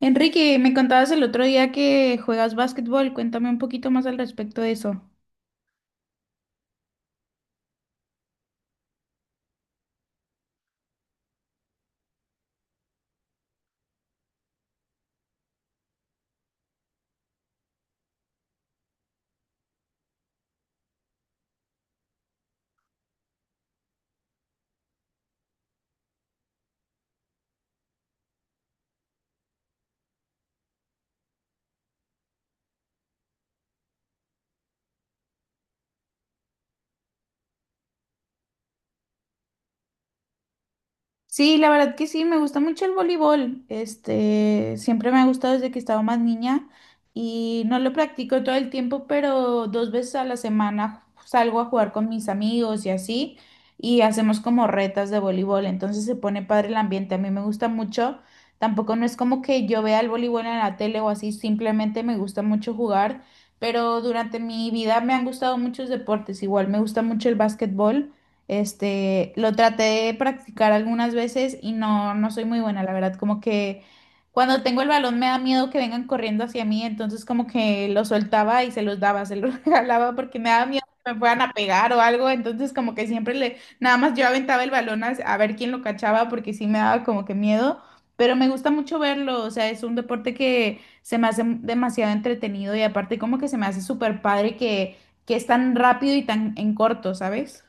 Enrique, me contabas el otro día que juegas básquetbol, cuéntame un poquito más al respecto de eso. Sí, la verdad que sí, me gusta mucho el voleibol. Siempre me ha gustado desde que estaba más niña y no lo practico todo el tiempo, pero dos veces a la semana salgo a jugar con mis amigos y así, y hacemos como retas de voleibol, entonces se pone padre el ambiente. A mí me gusta mucho. Tampoco no es como que yo vea el voleibol en la tele o así, simplemente me gusta mucho jugar, pero durante mi vida me han gustado muchos deportes. Igual me gusta mucho el básquetbol. Lo traté de practicar algunas veces y no soy muy buena, la verdad. Como que cuando tengo el balón me da miedo que vengan corriendo hacia mí, entonces como que lo soltaba y se los daba, se los regalaba porque me daba miedo que me fueran a pegar o algo. Entonces como que siempre le, nada más yo aventaba el balón a ver quién lo cachaba porque sí me daba como que miedo. Pero me gusta mucho verlo, o sea, es un deporte que se me hace demasiado entretenido y aparte como que se me hace súper padre que es tan rápido y tan en corto, ¿sabes?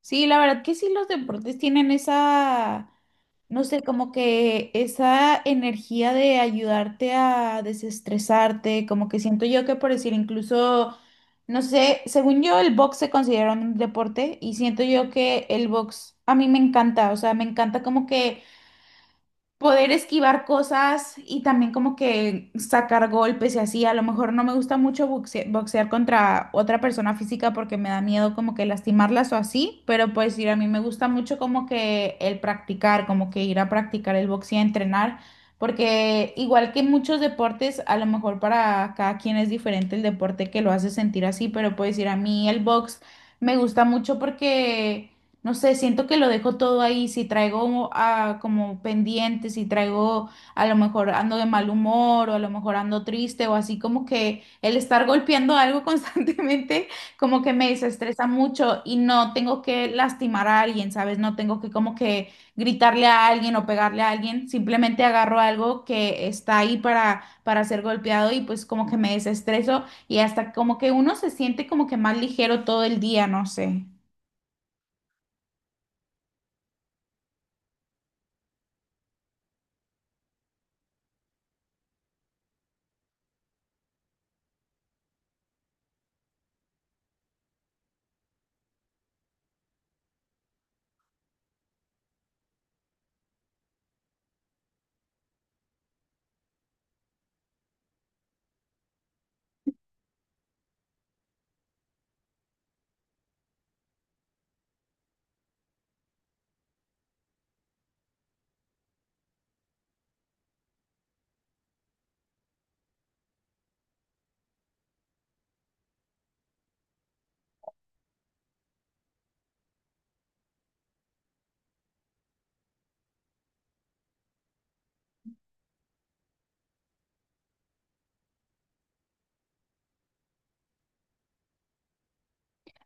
Sí, la verdad que sí, los deportes tienen esa, no sé, como que esa energía de ayudarte a desestresarte, como que siento yo que por decir incluso, no sé, según yo el box se considera un deporte y siento yo que el box a mí me encanta, o sea, me encanta como que poder esquivar cosas y también como que sacar golpes y así. A lo mejor no me gusta mucho boxear contra otra persona física porque me da miedo como que lastimarlas o así, pero pues ir a mí me gusta mucho como que el practicar, como que ir a practicar el boxeo, entrenar, porque igual que muchos deportes, a lo mejor para cada quien es diferente el deporte que lo hace sentir así, pero pues ir a mí el box me gusta mucho porque... No sé, siento que lo dejo todo ahí. Si traigo como pendiente, si traigo, a lo mejor ando de mal humor o a lo mejor ando triste o así como que el estar golpeando algo constantemente como que me desestresa mucho y no tengo que lastimar a alguien, ¿sabes? No tengo que como que gritarle a alguien o pegarle a alguien. Simplemente agarro algo que está ahí para ser golpeado y pues como que me desestreso y hasta como que uno se siente como que más ligero todo el día, no sé.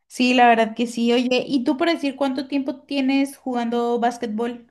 Sí, la verdad que sí. Oye, ¿y tú por decir cuánto tiempo tienes jugando básquetbol?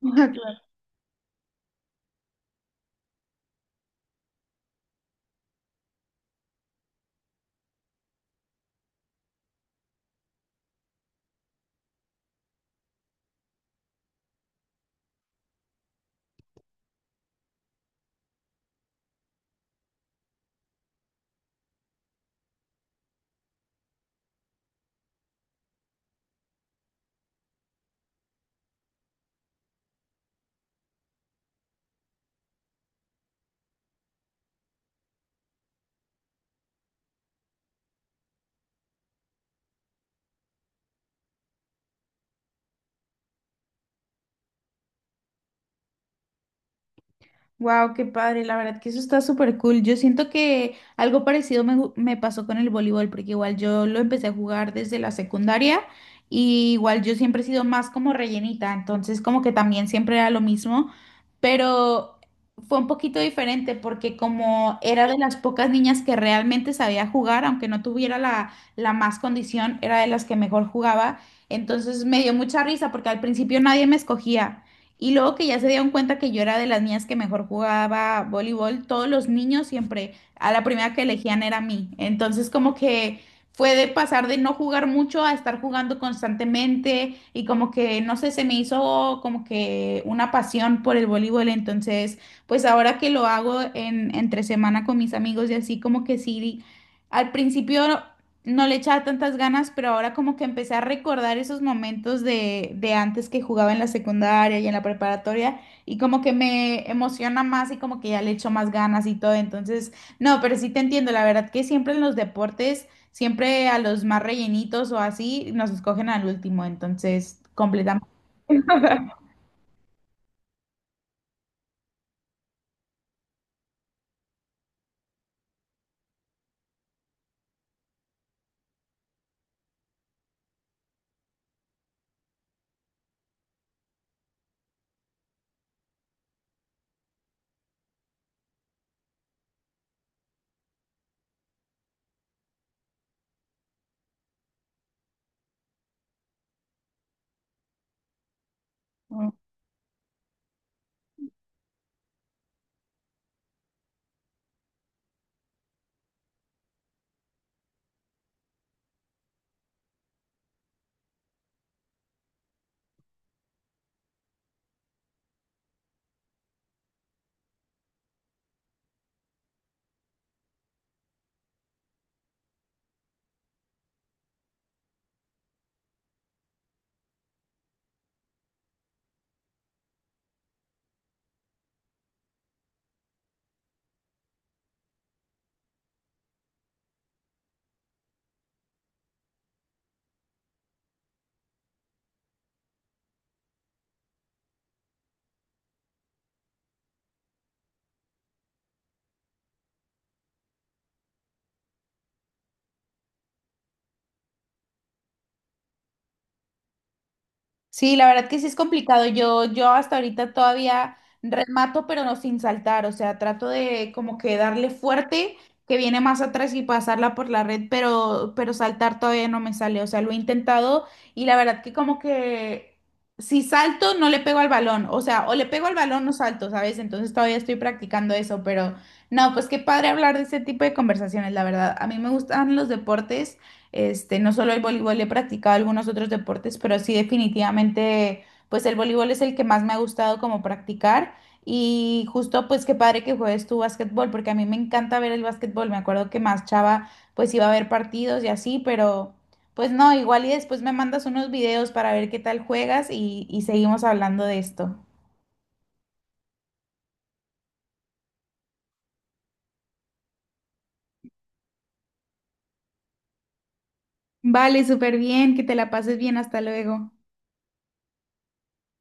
Wow, qué padre, la verdad que eso está súper cool. Yo siento que algo parecido me, me pasó con el voleibol, porque igual yo lo empecé a jugar desde la secundaria y igual yo siempre he sido más como rellenita, entonces como que también siempre era lo mismo, pero fue un poquito diferente porque como era de las pocas niñas que realmente sabía jugar, aunque no tuviera la, la más condición, era de las que mejor jugaba, entonces me dio mucha risa porque al principio nadie me escogía. Y luego que ya se dieron cuenta que yo era de las niñas que mejor jugaba voleibol, todos los niños siempre a la primera que elegían era a mí. Entonces como que fue de pasar de no jugar mucho a estar jugando constantemente y como que, no sé, se me hizo como que una pasión por el voleibol. Entonces, pues ahora que lo hago en, entre semana con mis amigos y así como que sí, al principio no le echaba tantas ganas, pero ahora como que empecé a recordar esos momentos de antes que jugaba en la secundaria y en la preparatoria y como que me emociona más y como que ya le echo más ganas y todo. Entonces, no, pero sí te entiendo, la verdad que siempre en los deportes, siempre a los más rellenitos o así, nos escogen al último, entonces, completamente. Sí, la verdad que sí es complicado. Yo hasta ahorita todavía remato, pero no sin saltar. O sea, trato de como que darle fuerte, que viene más atrás y pasarla por la red, pero saltar todavía no me sale. O sea, lo he intentado y la verdad que como que si salto, no le pego al balón. O sea, o le pego al balón o salto, ¿sabes? Entonces todavía estoy practicando eso, pero no, pues qué padre hablar de este tipo de conversaciones, la verdad. A mí me gustan los deportes. No solo el voleibol, he practicado algunos otros deportes, pero sí definitivamente, pues el voleibol es el que más me ha gustado como practicar. Y justo, pues qué padre que juegues tu básquetbol, porque a mí me encanta ver el básquetbol. Me acuerdo que más chava, pues iba a ver partidos y así, pero pues no, igual y después me mandas unos videos para ver qué tal juegas y seguimos hablando de esto. Vale, súper bien, que te la pases bien, hasta luego.